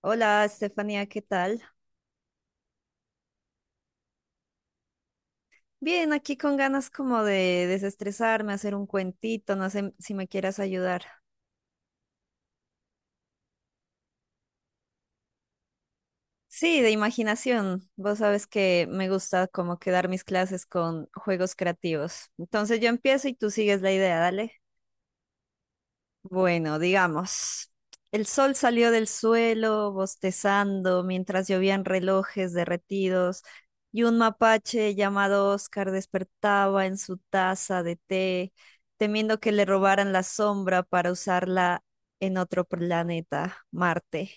Hola, Estefanía, ¿qué tal? Bien, aquí con ganas como de desestresarme, hacer un cuentito, no sé si me quieras ayudar. Sí, de imaginación. Vos sabes que me gusta como quedar mis clases con juegos creativos. Entonces yo empiezo y tú sigues la idea, dale. Bueno, digamos, el sol salió del suelo bostezando mientras llovían relojes derretidos y un mapache llamado Oscar despertaba en su taza de té, temiendo que le robaran la sombra para usarla en otro planeta, Marte.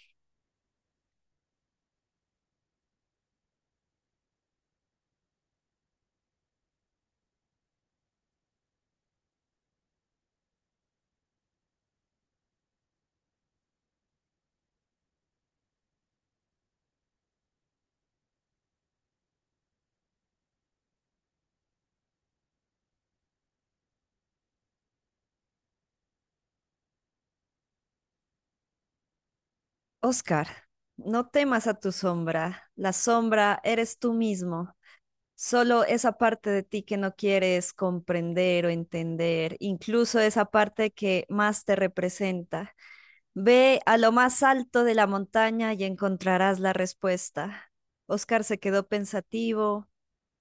Oscar, no temas a tu sombra, la sombra eres tú mismo. Solo esa parte de ti que no quieres comprender o entender, incluso esa parte que más te representa. Ve a lo más alto de la montaña y encontrarás la respuesta. Oscar se quedó pensativo,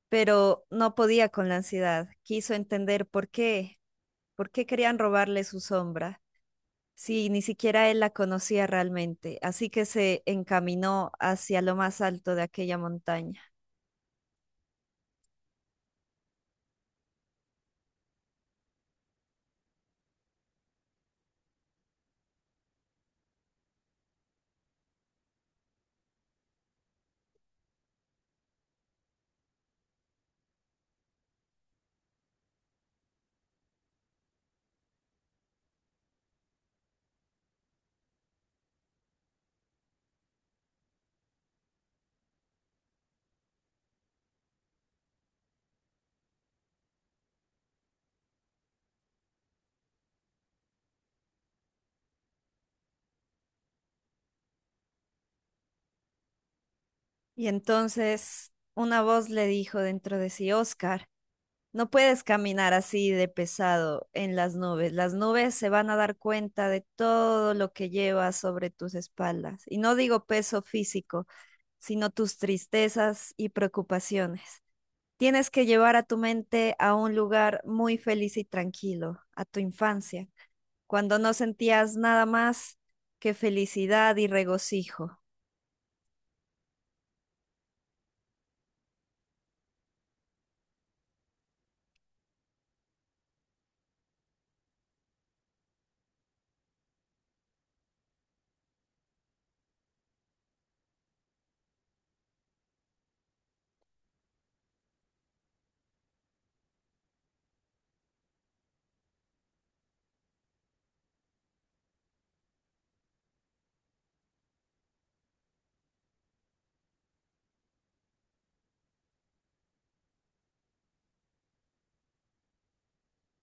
pero no podía con la ansiedad. Quiso entender por qué querían robarle su sombra, si ni siquiera él la conocía realmente. Así que se encaminó hacia lo más alto de aquella montaña. Y entonces una voz le dijo dentro de sí, Oscar, no puedes caminar así de pesado en las nubes. Las nubes se van a dar cuenta de todo lo que llevas sobre tus espaldas. Y no digo peso físico, sino tus tristezas y preocupaciones. Tienes que llevar a tu mente a un lugar muy feliz y tranquilo, a tu infancia, cuando no sentías nada más que felicidad y regocijo.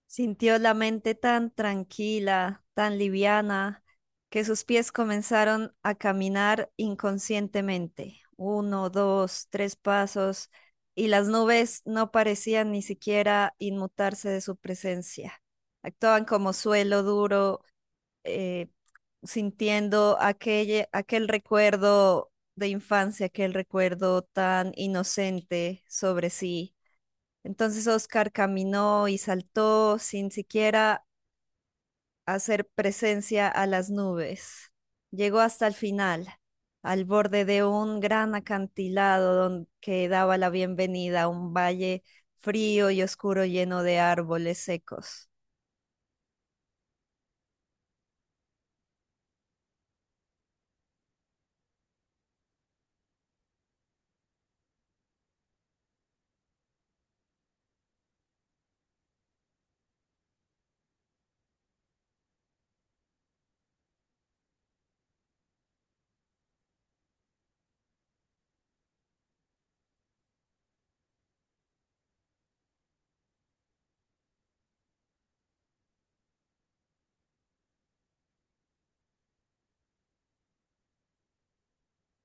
Sintió la mente tan tranquila, tan liviana, que sus pies comenzaron a caminar inconscientemente. Uno, dos, tres pasos, y las nubes no parecían ni siquiera inmutarse de su presencia. Actuaban como suelo duro, eh, sintiendo aquel recuerdo de infancia, aquel recuerdo tan inocente sobre sí. Entonces Oscar caminó y saltó sin siquiera hacer presencia a las nubes. Llegó hasta el final, al borde de un gran acantilado que daba la bienvenida a un valle frío y oscuro lleno de árboles secos.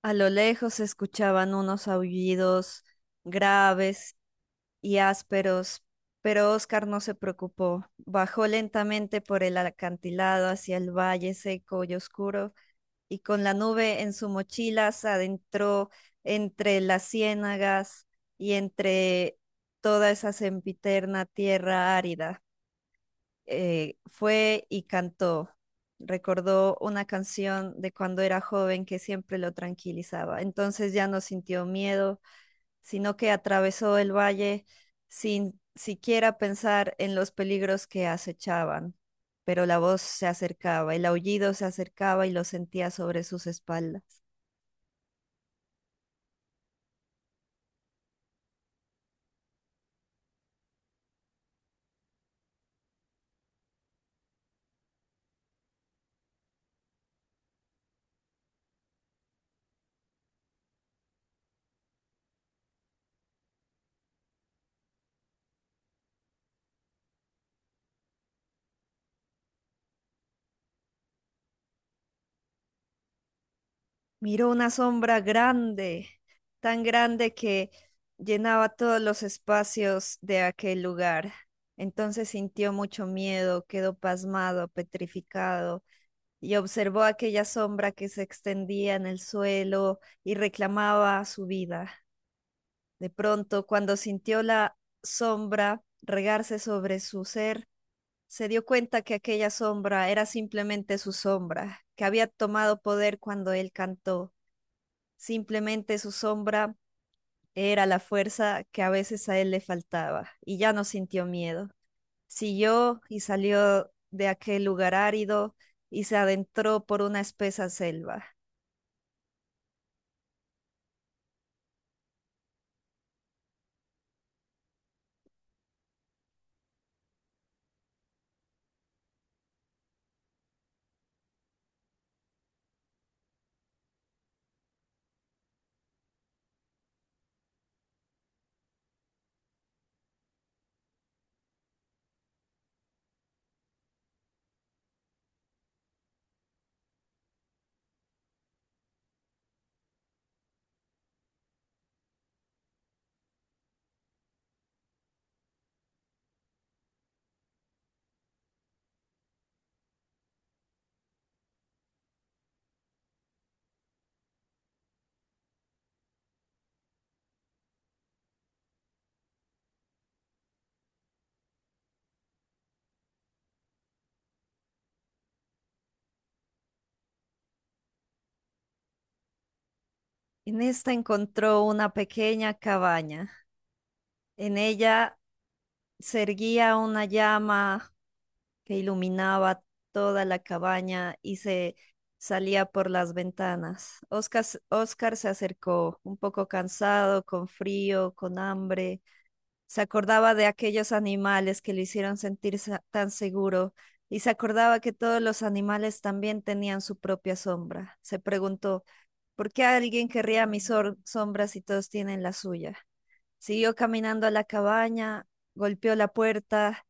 A lo lejos se escuchaban unos aullidos graves y ásperos, pero Oscar no se preocupó. Bajó lentamente por el acantilado hacia el valle seco y oscuro y con la nube en su mochila se adentró entre las ciénagas y entre toda esa sempiterna tierra árida. Fue y cantó. Recordó una canción de cuando era joven que siempre lo tranquilizaba. Entonces ya no sintió miedo, sino que atravesó el valle sin siquiera pensar en los peligros que acechaban. Pero la voz se acercaba, el aullido se acercaba y lo sentía sobre sus espaldas. Miró una sombra grande, tan grande que llenaba todos los espacios de aquel lugar. Entonces sintió mucho miedo, quedó pasmado, petrificado, y observó aquella sombra que se extendía en el suelo y reclamaba su vida. De pronto, cuando sintió la sombra regarse sobre su ser, se dio cuenta que aquella sombra era simplemente su sombra, que había tomado poder cuando él cantó. Simplemente su sombra era la fuerza que a veces a él le faltaba y ya no sintió miedo. Siguió y salió de aquel lugar árido y se adentró por una espesa selva. En esta encontró una pequeña cabaña. En ella se erguía una llama que iluminaba toda la cabaña y se salía por las ventanas. Oscar, Oscar se acercó, un poco cansado, con frío, con hambre. Se acordaba de aquellos animales que le hicieron sentir tan seguro y se acordaba que todos los animales también tenían su propia sombra. Se preguntó, ¿por qué alguien querría mi sombra si todos tienen la suya? Siguió caminando a la cabaña, golpeó la puerta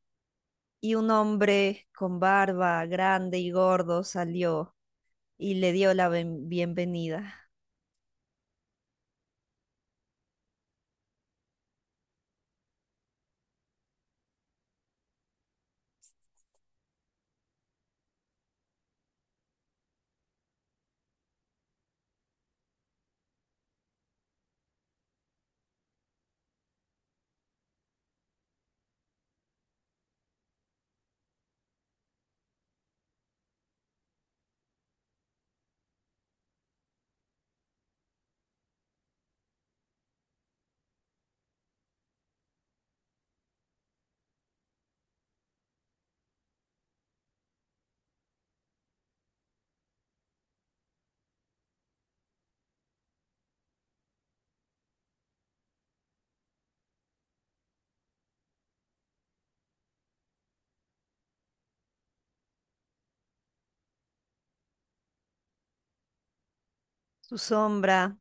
y un hombre con barba grande y gordo salió y le dio la bienvenida. Su sombra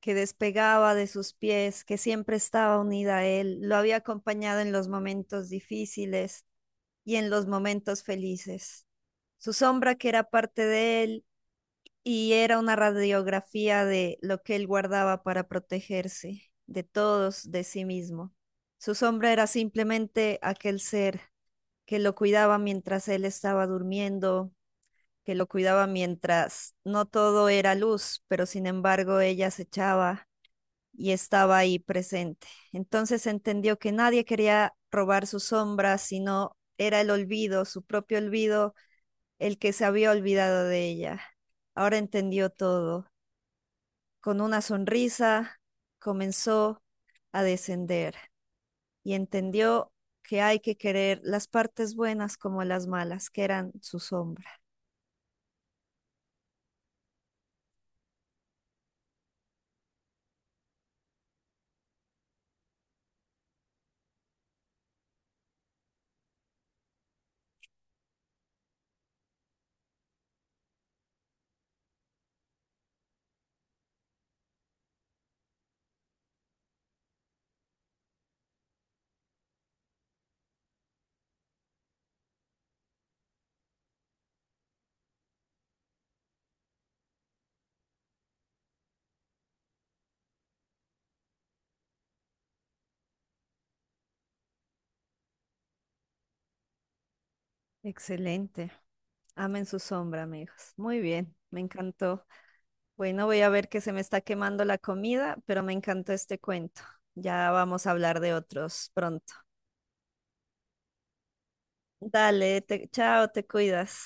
que despegaba de sus pies, que siempre estaba unida a él, lo había acompañado en los momentos difíciles y en los momentos felices. Su sombra que era parte de él y era una radiografía de lo que él guardaba para protegerse de todos, de sí mismo. Su sombra era simplemente aquel ser que lo cuidaba mientras él estaba durmiendo, que lo cuidaba mientras no todo era luz, pero sin embargo ella acechaba y estaba ahí presente. Entonces entendió que nadie quería robar su sombra, sino era el olvido, su propio olvido, el que se había olvidado de ella. Ahora entendió todo. Con una sonrisa comenzó a descender y entendió que hay que querer las partes buenas como las malas, que eran su sombra. Excelente. Amen su sombra, amigos. Muy bien, me encantó. Bueno, voy a ver que se me está quemando la comida, pero me encantó este cuento. Ya vamos a hablar de otros pronto. Dale, chao, te cuidas.